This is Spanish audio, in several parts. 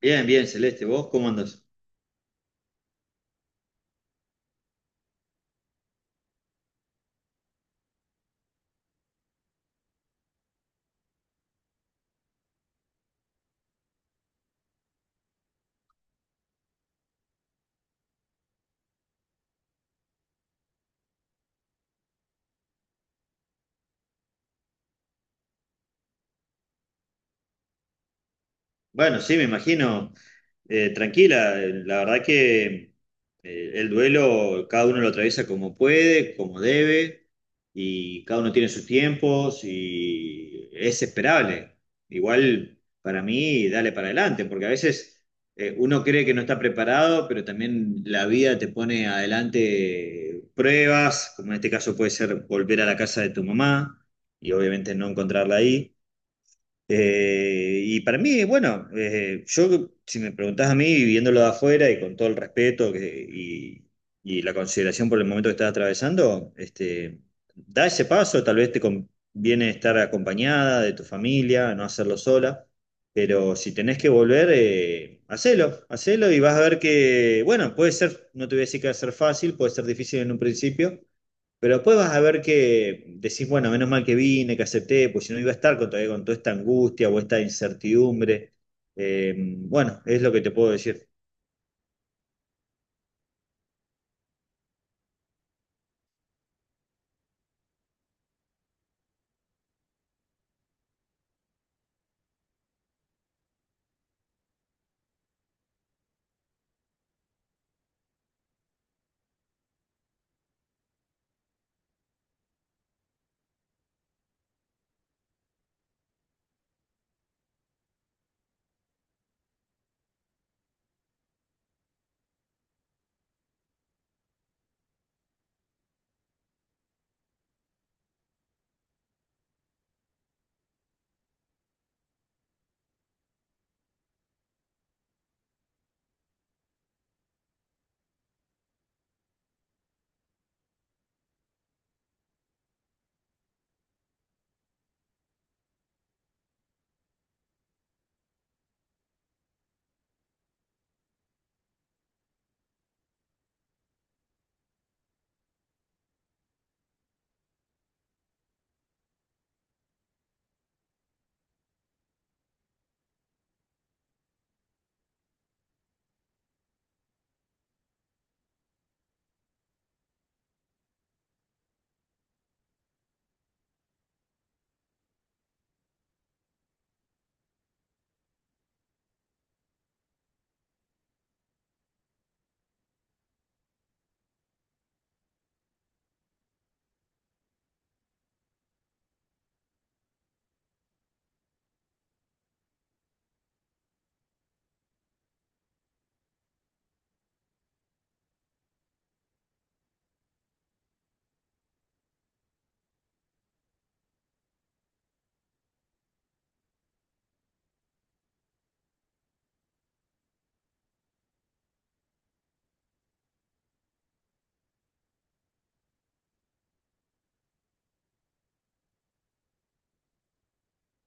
Bien, bien, Celeste, ¿vos cómo andás? Bueno, sí, me imagino, tranquila, la verdad que el duelo cada uno lo atraviesa como puede, como debe, y cada uno tiene sus tiempos y es esperable. Igual para mí, dale para adelante, porque a veces uno cree que no está preparado, pero también la vida te pone adelante pruebas, como en este caso puede ser volver a la casa de tu mamá y obviamente no encontrarla ahí. Y para mí, bueno, yo, si me preguntás a mí, viéndolo de afuera y con todo y la consideración por el momento que estás atravesando, este, da ese paso, tal vez te conviene estar acompañada de tu familia, no hacerlo sola, pero si tenés que volver, hacelo, hacelo y vas a ver que, bueno, puede ser, no te voy a decir que va a ser fácil, puede ser difícil en un principio, pero después vas a ver que decís, bueno, menos mal que vine, que acepté, pues si no iba a estar con, todavía con toda esta angustia o esta incertidumbre. Bueno, es lo que te puedo decir.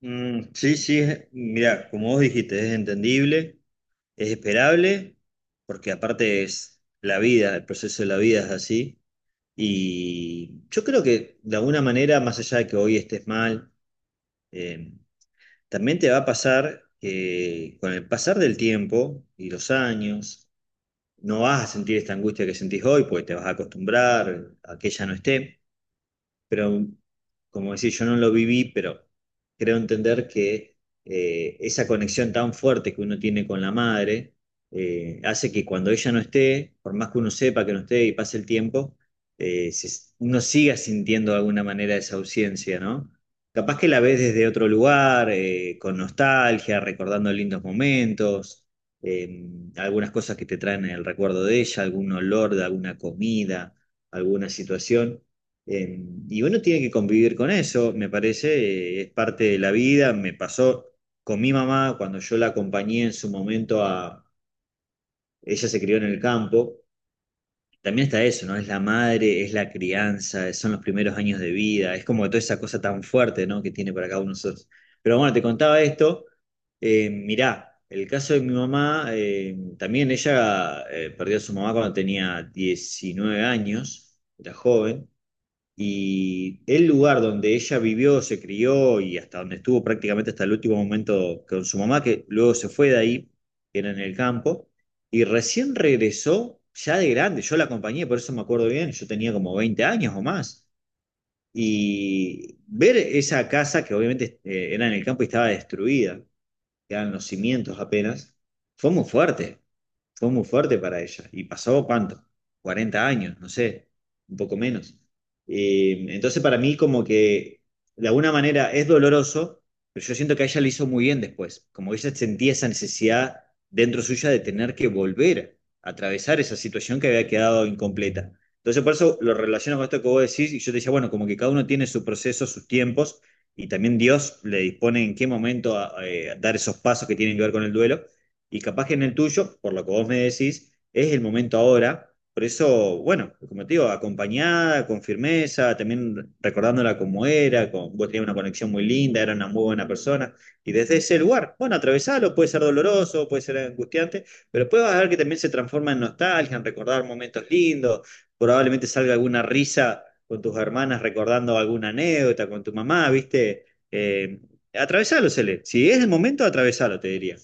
Mm, sí, sí, mira, como vos dijiste, es entendible, es esperable, porque aparte es la vida, el proceso de la vida es así. Y yo creo que de alguna manera, más allá de que hoy estés mal, eh, también te va a pasar que con el pasar del tiempo y los años, no vas a sentir esta angustia que sentís hoy, porque te vas a acostumbrar a que ella no esté, pero como decía, yo no lo viví, pero creo entender que esa conexión tan fuerte que uno tiene con la madre hace que cuando ella no esté, por más que uno sepa que no esté y pase el tiempo, uno siga sintiendo de alguna manera esa ausencia, ¿no? Capaz que la ves desde otro lugar, con nostalgia, recordando lindos momentos, eh, algunas cosas que te traen el recuerdo de ella, algún olor de alguna comida, alguna situación eh, y uno tiene que convivir con eso, me parece, es parte de la vida. Me pasó con mi mamá cuando yo la acompañé en su momento a... Ella se crió en el campo. También está eso, ¿no? Es la madre, es la crianza, son los primeros años de vida, es como toda esa cosa tan fuerte, ¿no?, que tiene para cada uno de nosotros. Pero bueno, te contaba esto. Mirá, el caso de mi mamá, también ella perdió a su mamá cuando tenía 19 años, era joven. Y el lugar donde ella vivió, se crió y hasta donde estuvo prácticamente hasta el último momento con su mamá, que luego se fue de ahí, que era en el campo, y recién regresó ya de grande. Yo la acompañé, por eso me acuerdo bien, yo tenía como 20 años o más. Y ver esa casa que obviamente era en el campo y estaba destruida, quedan los cimientos apenas, fue muy fuerte, fue muy fuerte para ella. Y pasó cuánto, 40 años, no sé, un poco menos. Entonces para mí como que de alguna manera es doloroso, pero yo siento que a ella le hizo muy bien después, como que ella sentía esa necesidad dentro suya de tener que volver a atravesar esa situación que había quedado incompleta. Entonces por eso lo relaciono con esto que vos decís y yo te decía, bueno, como que cada uno tiene su proceso, sus tiempos. Y también Dios le dispone en qué momento a dar esos pasos que tienen que ver con el duelo. Y capaz que en el tuyo, por lo que vos me decís, es el momento ahora. Por eso, bueno, como te digo, acompañada, con firmeza, también recordándola como era, con, vos tenías una conexión muy linda, era una muy buena persona. Y desde ese lugar, bueno, atravesarlo puede ser doloroso, puede ser angustiante, pero después vas a ver que también se transforma en nostalgia, en recordar momentos lindos, probablemente salga alguna risa con tus hermanas recordando alguna anécdota con tu mamá, ¿viste? Eh, atravesalo, Cele. Si es el momento, atravesalo, te diría.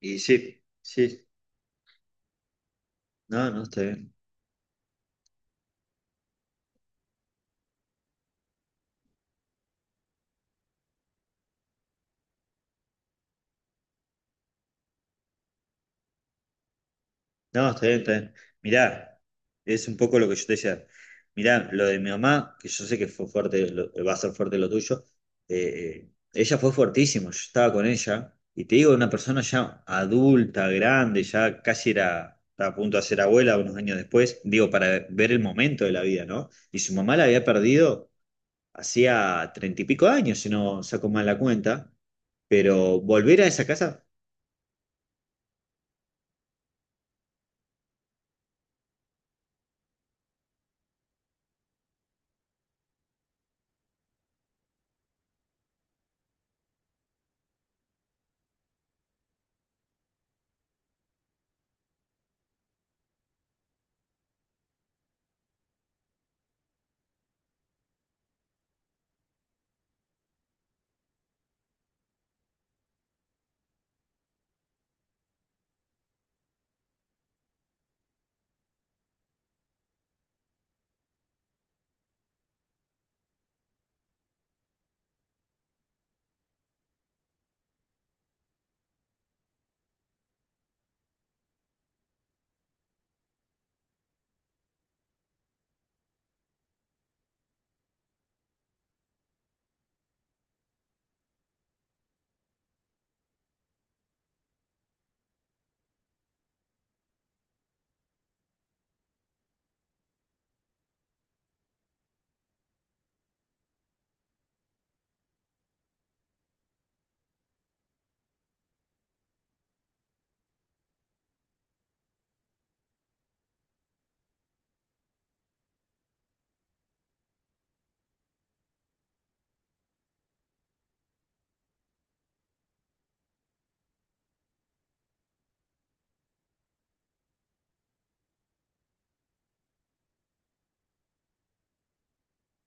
Y sí, sí, no, no, está bien. No, está bien, está bien. Mirá, es un poco lo que yo te decía. Mirá, lo de mi mamá, que yo sé que fue fuerte, va a ser fuerte lo tuyo, ella fue fuertísimo, yo estaba con ella, y te digo, una persona ya adulta, grande, ya casi era, estaba a punto de ser abuela unos años después, digo, para ver el momento de la vida, ¿no? Y su mamá la había perdido hacía 30 y pico años, si no saco mal la cuenta. Pero volver a esa casa.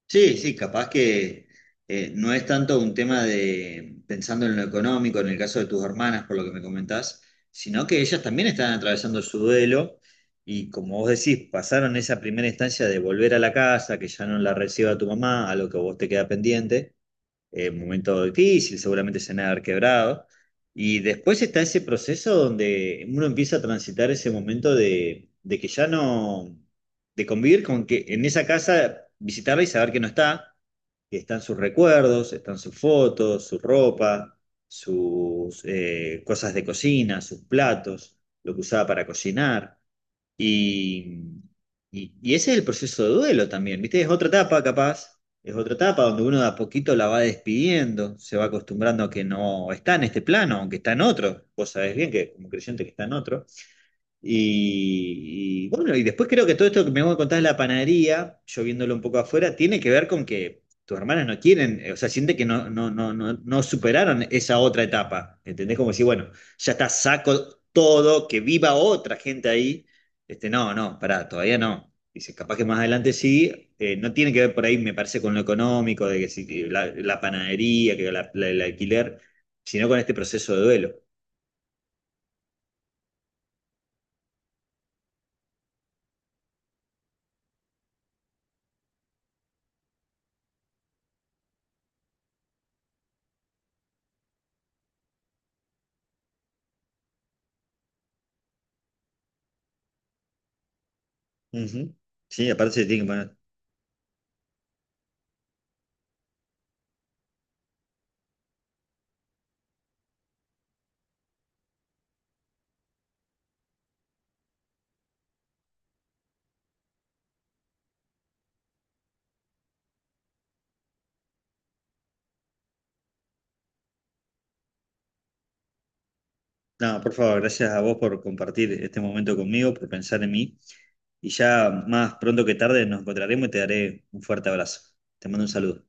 Sí, sí, capaz que no es tanto un tema de pensando en lo económico, en el caso de tus hermanas, por lo que me comentás, sino que ellas también están atravesando su duelo y como vos decís, pasaron esa primera instancia de volver a la casa, que ya no la reciba tu mamá, a lo que vos te queda pendiente, momento difícil, seguramente se han de haber quebrado. Y después está ese proceso donde uno empieza a transitar ese momento de que ya no, de convivir con que en esa casa visitarla y saber que no está, que están sus recuerdos, están sus fotos, su ropa, sus cosas de cocina, sus platos, lo que usaba para cocinar. Y, y ese es el proceso de duelo también, ¿viste? Es otra etapa, capaz, es otra etapa donde uno de a poquito la va despidiendo, se va acostumbrando a que no está en este plano, aunque está en otro. Vos sabés bien que como creyente que está en otro. Bueno, y después creo que todo esto que me voy a contar de la panadería, yo viéndolo un poco afuera, tiene que ver con que tus hermanas no quieren, o sea, sienten que no superaron esa otra etapa. ¿Entendés? Como si, bueno, ya está, saco todo, que viva otra gente ahí. Este, no, no, pará, todavía no. Dice, capaz que más adelante sí, no tiene que ver por ahí, me parece, con lo económico, de que si la panadería, el alquiler, sino con este proceso de duelo. Ujú. Sí, aparte se tiene que poner. No, por favor, gracias a vos por compartir este momento conmigo, por pensar en mí. Y ya más pronto que tarde nos encontraremos y te daré un fuerte abrazo. Te mando un saludo.